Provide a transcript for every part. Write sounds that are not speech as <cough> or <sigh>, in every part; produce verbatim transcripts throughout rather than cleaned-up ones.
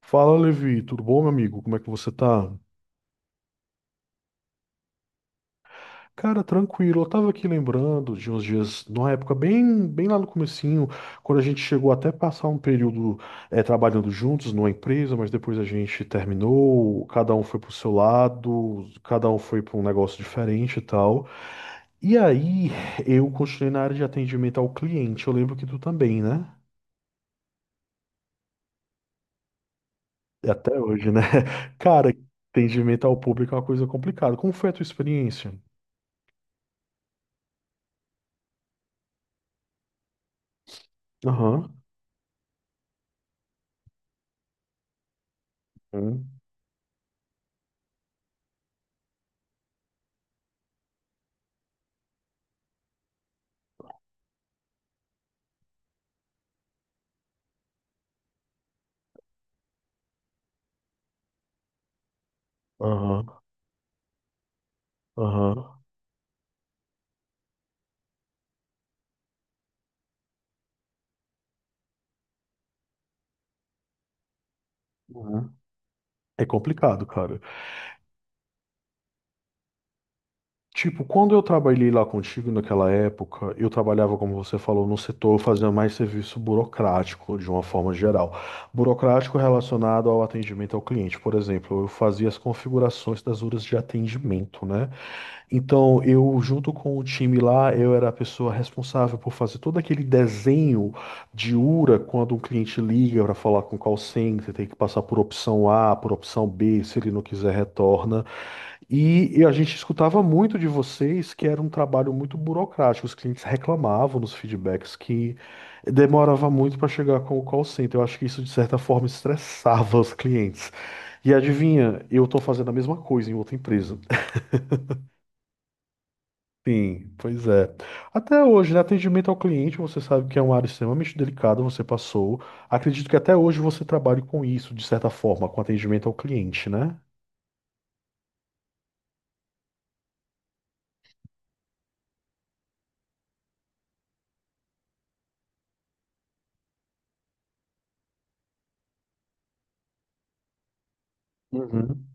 Fala, Levi, tudo bom, meu amigo? Como é que você tá? Cara, tranquilo. Eu tava aqui lembrando de uns dias, numa época bem, bem lá no comecinho, quando a gente chegou até passar um período eh, trabalhando juntos numa empresa, mas depois a gente terminou, cada um foi pro seu lado, cada um foi pra um negócio diferente e tal. E aí, eu continuei na área de atendimento ao cliente. Eu lembro que tu também, né? E até hoje, né? <laughs> Cara, atendimento ao público é uma coisa complicada. Como foi a tua experiência? Aham. Aham, aham. Uhum. É complicado, cara. Tipo, quando eu trabalhei lá contigo naquela época, eu trabalhava, como você falou, no setor fazendo mais serviço burocrático, de uma forma geral. Burocrático relacionado ao atendimento ao cliente. Por exemplo, eu fazia as configurações das horas de atendimento, né? Então, eu, junto com o time lá, eu era a pessoa responsável por fazer todo aquele desenho de URA quando um cliente liga para falar com o call center, tem que passar por opção A, por opção B, se ele não quiser, retorna. E, e a gente escutava muito de vocês que era um trabalho muito burocrático, os clientes reclamavam nos feedbacks que demorava muito para chegar com o call center. Eu acho que isso, de certa forma, estressava os clientes. E adivinha, eu estou fazendo a mesma coisa em outra empresa. Sim, pois é. Até hoje, né, atendimento ao cliente, você sabe que é uma área extremamente delicada, você passou. Acredito que até hoje você trabalhe com isso, de certa forma, com atendimento ao cliente, né? Uhum,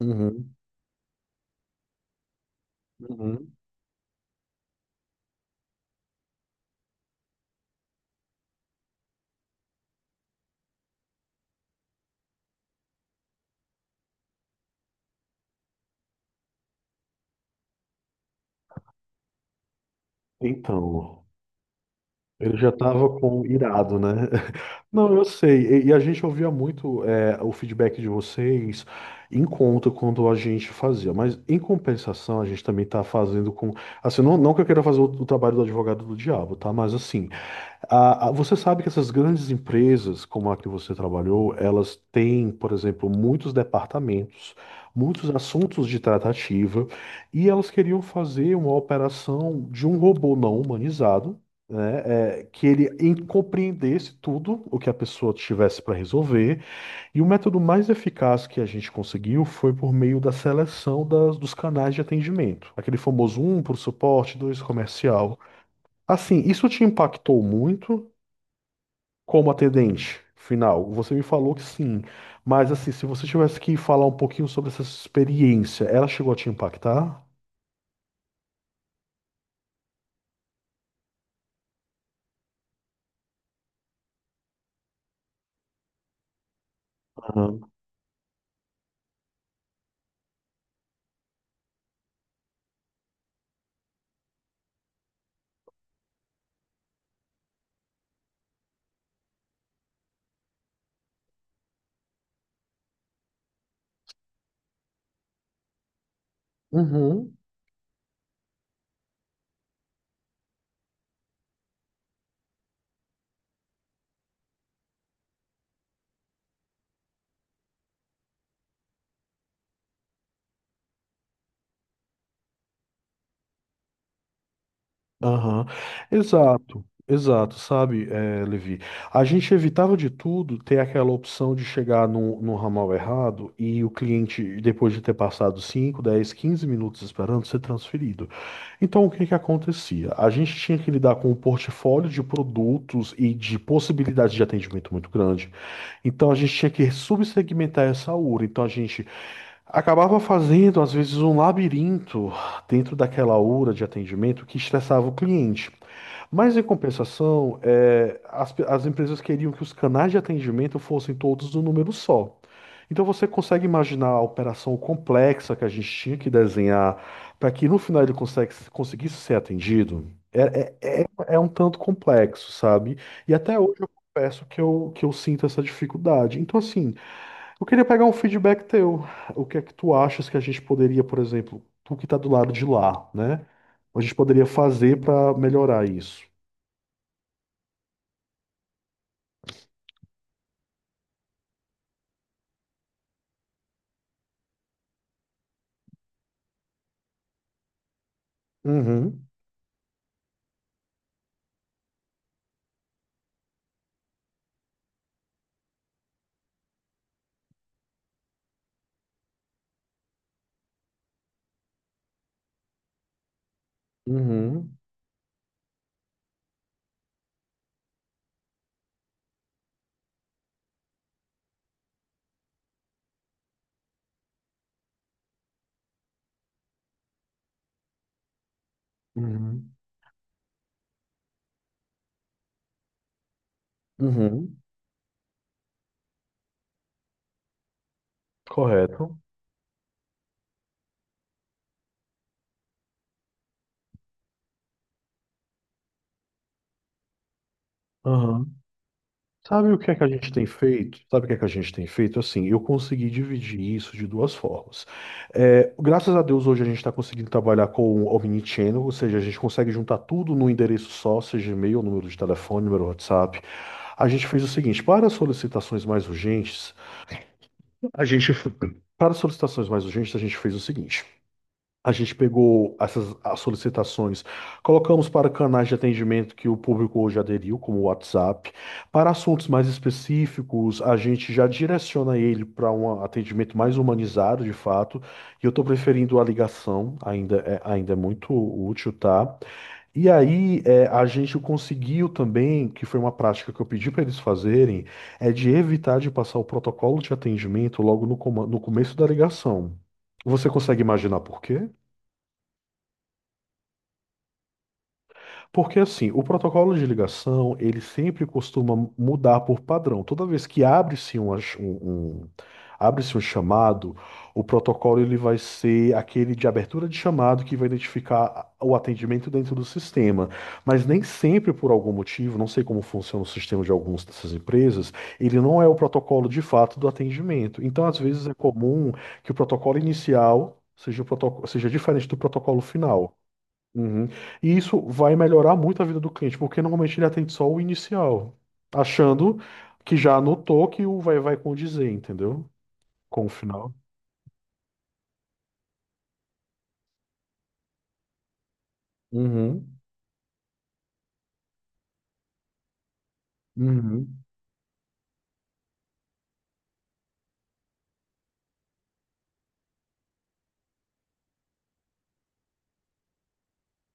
uhum, uhum. Então, ele já estava com irado, né? <laughs> Não, eu sei. E, e a gente ouvia muito é, o feedback de vocês em conta quando a gente fazia. Mas, em compensação, a gente também está fazendo com... Assim, não, não que eu queira fazer o, o trabalho do advogado do diabo, tá? Mas, assim... Ah, ah, você sabe que essas grandes empresas, como a que você trabalhou, elas têm, por exemplo, muitos departamentos, muitos assuntos de tratativa, e elas queriam fazer uma operação de um robô não humanizado, né, é, que ele em- compreendesse tudo o que a pessoa tivesse para resolver. E o método mais eficaz que a gente conseguiu foi por meio da seleção das- dos canais de atendimento, aquele famoso um para o suporte, dois comercial. Assim, isso te impactou muito? Como atendente final, você me falou que sim, mas assim, se você tivesse que falar um pouquinho sobre essa experiência, ela chegou a te impactar? Aham. Uhum. Aham. Exato, exato, sabe, eh, Levi? A gente evitava de tudo ter aquela opção de chegar no, no ramal errado e o cliente, depois de ter passado cinco, dez, quinze minutos esperando, ser transferido. Então, o que que acontecia? A gente tinha que lidar com um portfólio de produtos e de possibilidades de atendimento muito grande. Então a gente tinha que subsegmentar essa URA. Então a gente acabava fazendo, às vezes, um labirinto dentro daquela URA de atendimento que estressava o cliente. Mas em compensação, é, as, pe- as empresas queriam que os canais de atendimento fossem todos no número só. Então você consegue imaginar a operação complexa que a gente tinha que desenhar para que no final ele consegue- conseguisse ser atendido? É, é, é- é um tanto complexo, sabe? E até hoje eu confesso que eu, que eu sinto essa dificuldade. Então, assim, eu queria pegar um feedback teu. O que é que tu achas que a gente poderia, por exemplo, tu que está do lado de lá, né? A gente poderia fazer para melhorar isso? Uhum, uhum, uhum, uhum. Correto. Uhum. Sabe o que é que a gente tem feito? Sabe o que é que a gente tem feito? Assim, eu consegui dividir isso de duas formas. É, graças a Deus, hoje a gente está conseguindo trabalhar com o Omnichannel, ou seja, a gente consegue juntar tudo num endereço só, seja e-mail, número de telefone, número de WhatsApp. A gente fez o seguinte, para as solicitações mais urgentes, a gente, para as solicitações mais urgentes, a gente fez o seguinte. A gente pegou essas as solicitações, colocamos para canais de atendimento que o público hoje aderiu, como o WhatsApp. Para assuntos mais específicos, a gente já direciona ele para um atendimento mais humanizado, de fato. E eu estou preferindo a ligação, ainda é, ainda é muito útil, tá? E aí, é, a gente conseguiu também, que foi uma prática que eu pedi para eles fazerem, é de evitar de passar o protocolo de atendimento logo no, coma- no começo da ligação. Você consegue imaginar por quê? Porque assim, o protocolo de ligação, ele sempre costuma mudar por padrão. Toda vez que abre-se uma ch- um, um- abre-se um chamado, o protocolo ele vai ser aquele de abertura de chamado que vai identificar o atendimento dentro do sistema. Mas nem sempre, por algum motivo, não sei como funciona o sistema de algumas dessas empresas, ele não é o protocolo de fato do atendimento. Então, às vezes, é comum que o protocolo inicial seja, o protoco- seja diferente do protocolo final. Uhum. E isso vai melhorar muito a vida do cliente, porque normalmente ele atende só o inicial, achando que já anotou que o vai vai condizer, entendeu? Com o final. Uhum. Uhum.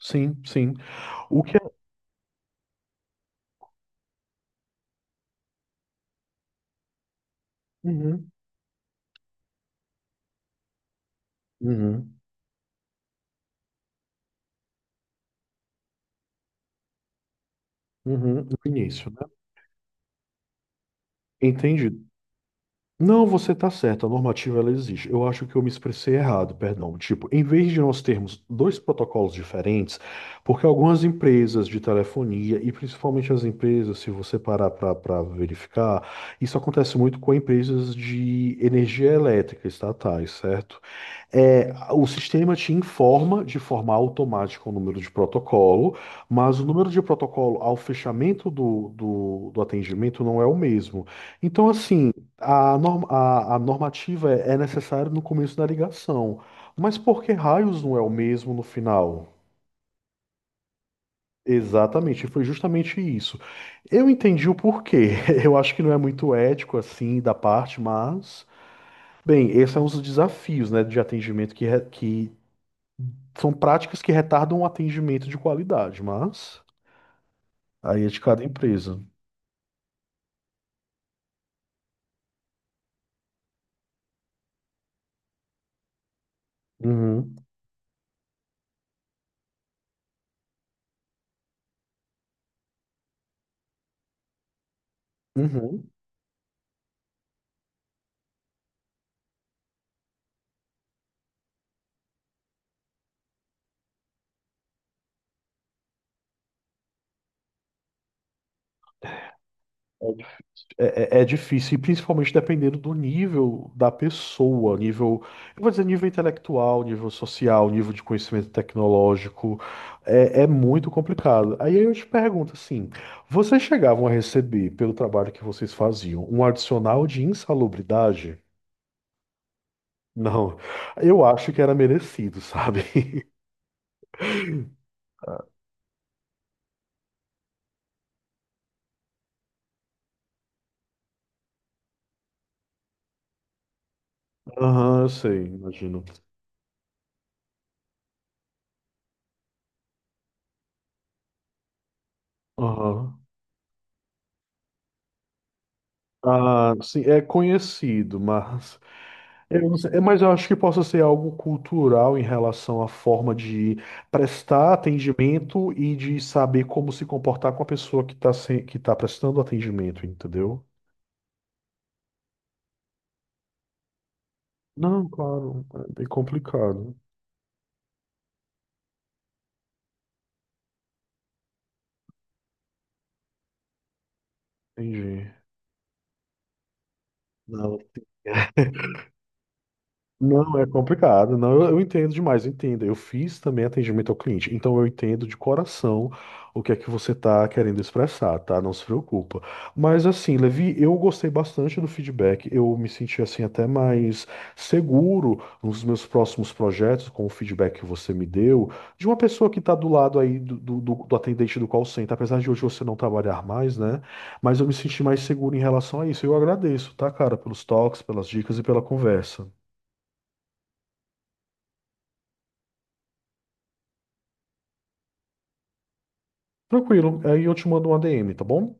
Sim, sim. O que é. Uhum. Uhum. Uhum. No início, né? Entendido. Não, você está certo, a normativa ela existe. Eu acho que eu me expressei errado, perdão. Tipo, em vez de nós termos dois protocolos diferentes, porque algumas empresas de telefonia, e principalmente as empresas, se você parar para verificar, isso acontece muito com empresas de energia elétrica estatais, certo? É, o sistema te informa de forma automática o número de protocolo, mas o número de protocolo ao fechamento do, do, do atendimento não é o mesmo. Então, assim, a, norm- a, a normativa é é necessária no começo da ligação, mas por que raios não é o mesmo no final? Exatamente, foi justamente isso. Eu entendi o porquê. <laughs> Eu acho que não é muito ético assim da parte, mas. Bem, esses são os desafios, né, de atendimento que, re- que são práticas que retardam o atendimento de qualidade, mas aí é de cada empresa. Uhum, uhum. É, é- é difícil, e principalmente dependendo do nível da pessoa, nível, eu vou dizer nível intelectual, nível social, nível de conhecimento tecnológico, é, é muito complicado. Aí eu te pergunto assim, vocês chegavam a receber, pelo trabalho que vocês faziam, um adicional de insalubridade? Não, eu acho que era merecido, sabe? <laughs> Aham, eu sei, imagino. Aham. Ah, sim, é conhecido, mas <laughs> eu, não sei- é, mas eu acho que possa ser algo cultural em relação à forma de prestar atendimento e de saber como se comportar com a pessoa que está que tá prestando atendimento, entendeu? Não, claro, é bem complicado. Entendi. Não. Não, é complicado. Não, eu, eu entendo demais, eu entendo. Eu fiz também atendimento ao cliente, então eu entendo de coração o que é que você está querendo expressar, tá? Não se preocupa. Mas assim, Levi, eu gostei bastante do feedback. Eu me senti assim até mais seguro nos meus próximos projetos com o feedback que você me deu de uma pessoa que está do lado aí do, do, do- do atendente do call center, apesar de hoje você não trabalhar mais, né? Mas eu me senti mais seguro em relação a isso. Eu agradeço, tá, cara, pelos toques, pelas dicas e pela conversa. Tranquilo. Aí eu te mando um a dê eme, tá bom?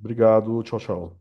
Obrigado. Tchau, tchau.